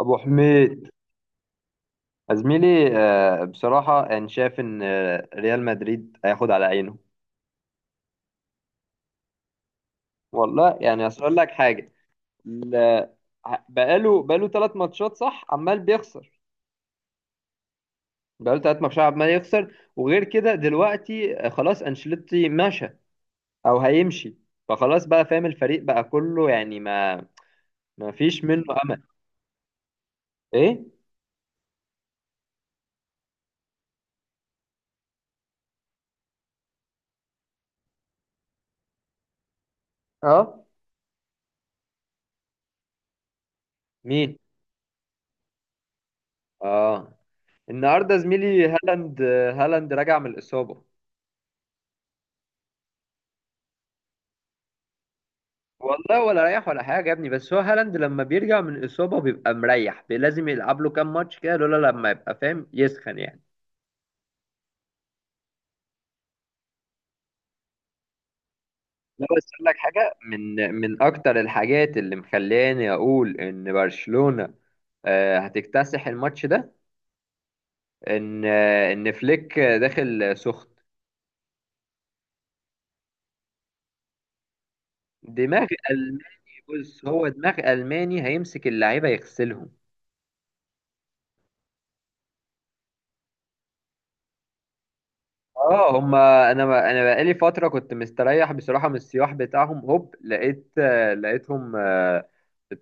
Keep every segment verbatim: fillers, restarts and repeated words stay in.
ابو حميد، يا زميلي، آه، بصراحه يعني شايف ان آه، ريال مدريد هياخد على عينه. والله يعني اصل اقول لك حاجه. ال- بقاله بقاله ثلاث ماتشات، صح، عمال بيخسر. بقاله ثلاث ماتشات عمال يخسر. وغير كده دلوقتي آه، خلاص انشيلوتي مشى او هيمشي. فخلاص بقى فاهم، الفريق بقى كله يعني ما ما فيش منه امل. ايه. اه. مين. اه. النهارده زميلي هالاند، آه، هالاند راجع من الاصابه. والله ولا رايح ولا حاجه يا ابني، بس هو هالاند لما بيرجع من اصابه بيبقى مريح. بي- لازم يلعب له كام ماتش كده لولا لما يبقى فاهم يسخن يعني. لا بس اقول لك حاجه، من من اكتر الحاجات اللي مخلاني اقول ان برشلونه آه، هتكتسح الماتش ده، ان آه، ان فليك داخل سخن. دماغ الماني. بص، هو دماغ الماني هيمسك اللعيبه يغسلهم. اه هما. انا ما انا بقالي فتره كنت مستريح بصراحه من السياح بتاعهم. هوب لقيت آه، لقيتهم آه،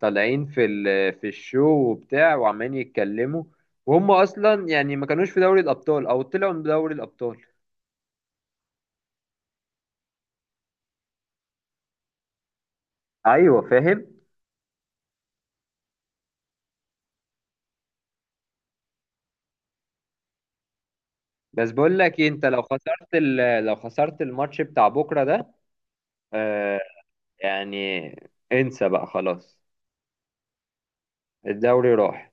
طالعين في ال- في الشو وبتاع، وعمالين يتكلموا. وهم اصلا يعني ما كانوش في دوري الابطال او طلعوا من دوري الابطال. ايوه فاهم. بس بقول لك إيه، انت لو خسرت ال- لو خسرت الماتش بتاع بكره ده آه، يعني انسى بقى خلاص. الدوري راح.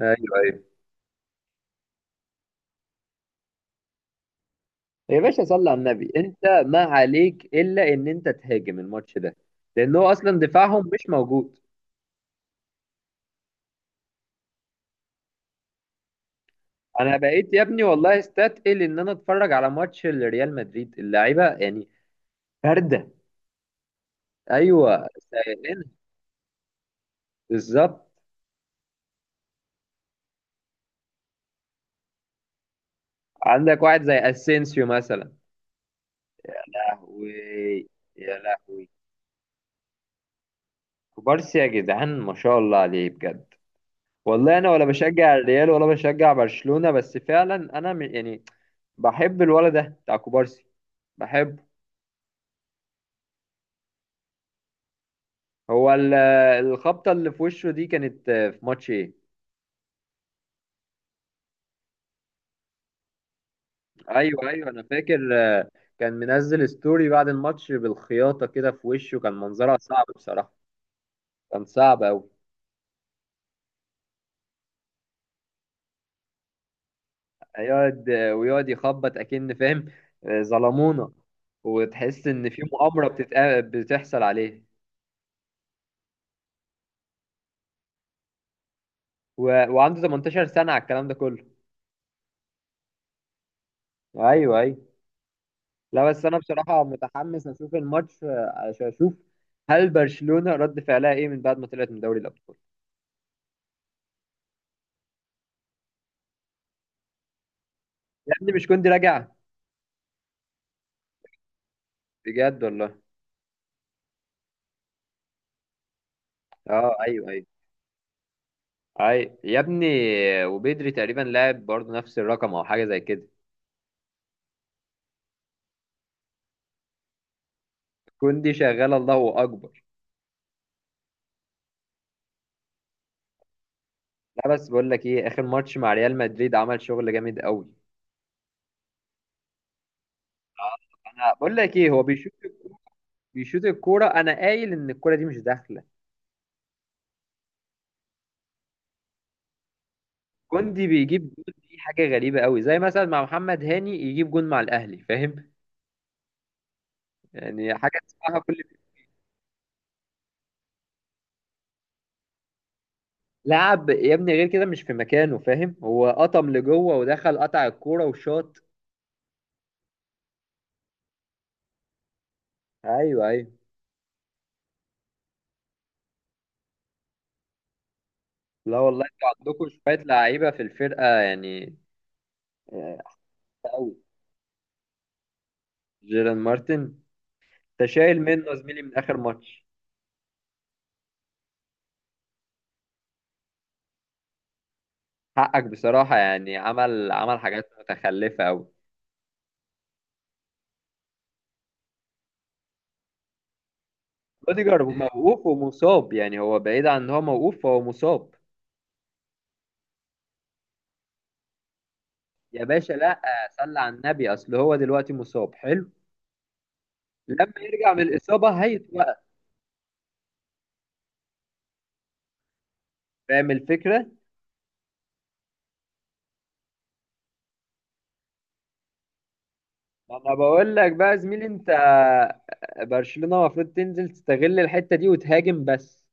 ايوه ايوه. يا باشا صلي على النبي انت. ما عليك الا ان انت تهاجم الماتش ده، لان هو اصلا دفاعهم مش موجود. انا بقيت يا ابني والله استثقل ان انا اتفرج على ماتش لريال مدريد، اللعيبه يعني بارده. ايوه سائلين. بالظبط. عندك واحد زي اسينسيو مثلا. يا لهوي، يا لهوي. كوبارسي يا جدعان، ما شاء الله عليه بجد. والله انا ولا بشجع الريال ولا بشجع برشلونه، بس فعلا انا م- يعني بحب الولد ده بتاع كوبارسي، بحبه. هو ال- الخبطة اللي في وشه دي كانت آه، في ماتش ايه؟ ايوه ايوه انا فاكر، آه، كان منزل ستوري بعد الماتش بالخياطة كده في وشه، كان منظرها صعب بصراحة. كان صعب أوي. هيقعد آه، ويقعد يخبط أكن فاهم، آه، ظلمونا. وتحس إن في مؤامرة بتتق- بتحصل عليه. و... وعنده 18 سنة على الكلام ده كله. ايوه ايوه. لا بس انا بصراحة متحمس اشوف الماتش آه، عشان اشوف هل برشلونة رد فعلها ايه من بعد ما طلعت من دوري الابطال. يا ابني مش كنت راجع؟ بجد والله. اه ايوه ايوه. اي يا ابني. وبدري تقريبا لعب برضه نفس الرقم او حاجه زي كده. كوندي شغال، الله اكبر. لا بس بقول لك ايه، اخر ماتش مع ريال مدريد عمل شغل جامد قوي. آه، انا بقول لك ايه، هو بيشوط الكورة- بيشوط الكوره، انا قايل ان الكوره دي مش داخله. كوندي بيجيب جون، دي حاجه غريبه قوي، زي مثلا مع محمد هاني يجيب جون مع الاهلي فاهم. يعني حاجه تسمعها كل... لعب يا ابني غير كده، مش في مكانه فاهم، هو قطم لجوه ودخل، قطع الكوره وشاط. ايوه ايوه. لا والله انتوا عندكم شويه لعيبه في الفرقه يعني آه، قوي. جيران مارتن. انت شايل منه يا زميلي من اخر ماتش؟ حقك بصراحه، يعني عمل عمل حاجات متخلفه قوي. روديجر موقوف ومصاب، يعني هو بعيد عن ان هو موقوف، فهو مصاب. يا باشا لا، آه، صلى على النبي، اصل هو دلوقتي مصاب حلو. لما يرجع من الاصابه هيتوقف، فاهم الفكره. ما انا بقول لك بقى يا زميلي انت، برشلونة المفروض تنزل تستغل الحتة دي وتهاجم بس.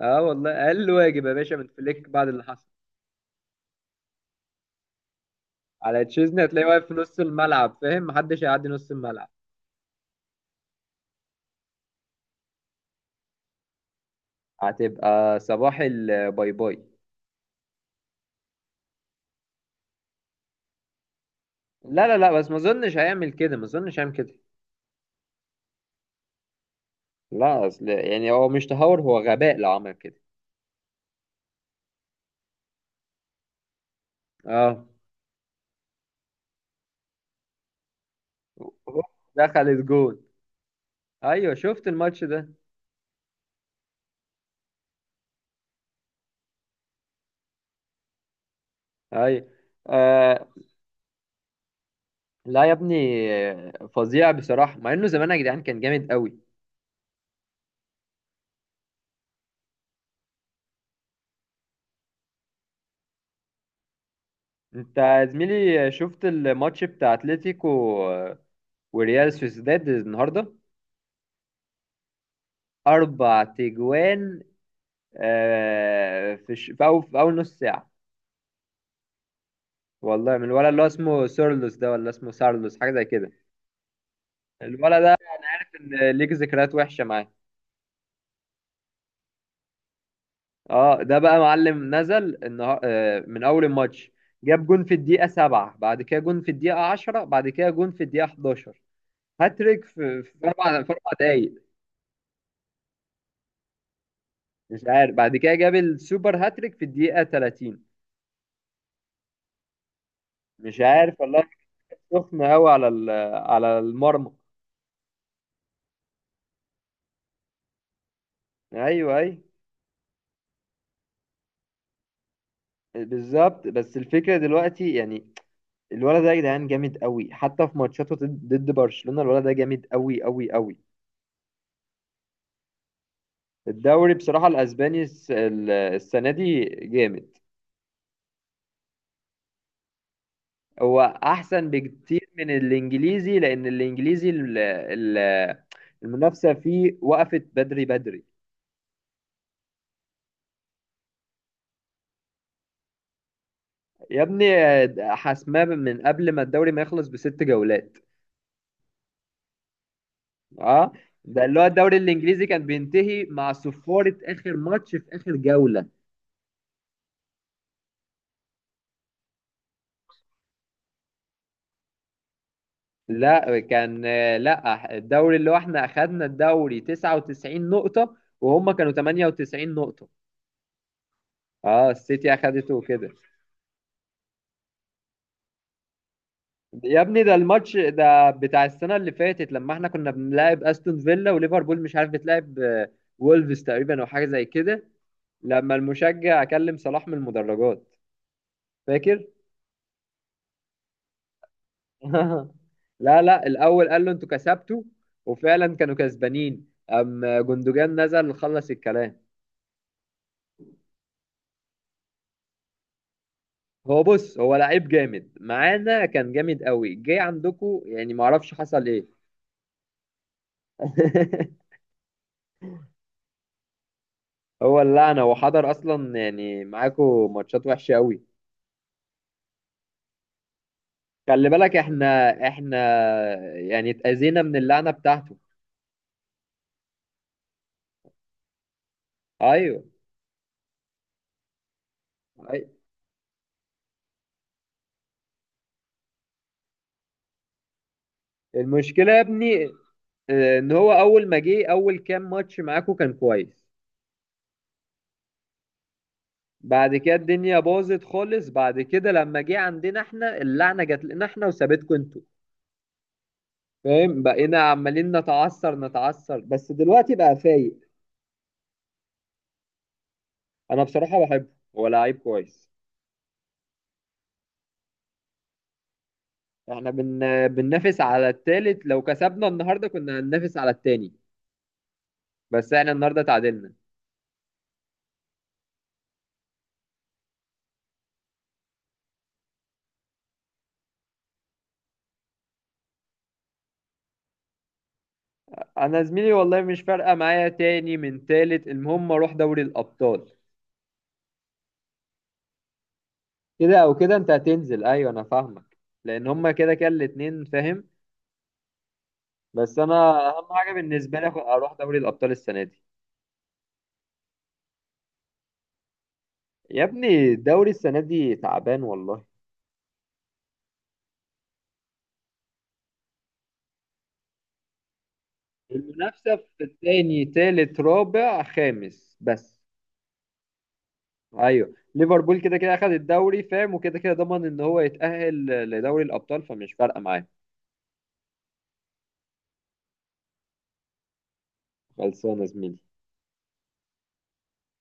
اه والله، اقل واجب يا باشا من فليك بعد اللي حصل. على تشيزني هتلاقيه واقف في نص الملعب فاهم، محدش هيعدي نص الملعب. هتبقى صباح الباي باي. لا لا لا، بس ما اظنش هيعمل كده، ما اظنش هيعمل كده. لا اصل يعني هو مش تهور، هو غباء لو عمل كده. اه، هوب، دخلت جون. ايوه، شفت الماتش ده؟ ايوه. لا يا ابني، فظيع بصراحة مع انه زمان يا جدعان كان جامد قوي. انت يا زميلي شفت الماتش بتاع اتلتيكو وريال سوسيداد النهاردة؟ اربع تجوان آه، في ش... في, أول... في اول نص ساعة. والله من الولد اللي هو اسمه سورلوس ده، ولا اسمه سارلوس، حاجة زي كده. الولد ده كان ليك ذكريات وحشة معاه. اه، ده بقى معلم نزل النها... آه، من اول الماتش. جاب جون في الدقيقة سبعة، بعد كده جون في الدقيقة عشرة، بعد كده جون في الدقيقة احداشر. هاتريك في في اربع في اربع دقايق. مش عارف. بعد كده جاب السوبر هاتريك في الدقيقة ثلاثين. مش عارف والله. كانت سخنة قوي على ال- على المرمى. ايوه اي. بالظبط، بس الفكرة دلوقتي يعني. الولد ده يا جدعان جامد قوي، حتى في ماتشاته ضد ضد برشلونة، الولد ده جامد قوي قوي قوي. الدوري بصراحة الاسباني الس- ال- السنة دي جامد. هو احسن بكتير من الانجليزي، لان الانجليزي ال- ال- المنافسة فيه وقفت بدري بدري. يا ابني حاسماه من قبل ما الدوري ما يخلص بست جولات. اه، ده اللي هو الدوري الانجليزي كان بينتهي مع صفارة اخر ماتش في اخر جولة. لا كان، لا، الدوري اللي هو احنا اخدنا الدوري تسعة وتسعين نقطة، وهم كانوا تمنية وتسعين نقطة. اه، السيتي اخدته وكده. يا ابني ده الماتش ده بتاع السنة اللي فاتت لما احنا كنا بنلعب استون فيلا، وليفربول مش عارف بتلعب آه، وولفز تقريبا او حاجة زي كده. لما المشجع كلم صلاح من المدرجات، فاكر؟ لا لا، الاول قال له انتوا كسبتوا، وفعلا كانوا كسبانين. ام جندوجان نزل خلص الكلام. هو بص، هو لعيب جامد، معانا كان جامد قوي، جه عندكو يعني معرفش حصل ايه. هو اللعنه، هو حضر اصلا يعني معاكو ماتشات وحشه قوي. خلي بالك، احنا احنا يعني اتأذينا من اللعنه بتاعته. ايوه. أي- المشكله يا ابني آه، ان هو اول ما جه اول كام ماتش معاكو كان كويس. بعد كده الدنيا باظت خالص. بعد كده لما جه عندنا احنا، اللعنه جت لنا احنا وسابتكم انتوا فاهم، بقينا عمالين نتعثر نتعثر، بس دلوقتي بقى فايق. انا بصراحه بحبه، هو لعيب كويس. احنا بن... بننافس على التالت، لو كسبنا النهارده كنا هننافس على التاني، بس احنا النهارده تعادلنا. انا زميلي والله مش فارقه معايا تاني من تالت، المهم اروح دوري الابطال. كده او كده انت هتنزل، ايوه انا فاهمك. لان هما كده كده الاتنين فاهم. بس انا اهم حاجه بالنسبه لي آخد- اروح دوري الابطال السنه دي. يا ابني الدوري السنه دي تعبان والله. المنافسه في الثاني ثالث رابع خامس بس. ايوه، ليفربول كده كده اخد الدوري فاهم، وكده كده ضمن ان هو يتاهل لدوري الابطال، فمش فارقه معاه. خلصانه يا زميلي.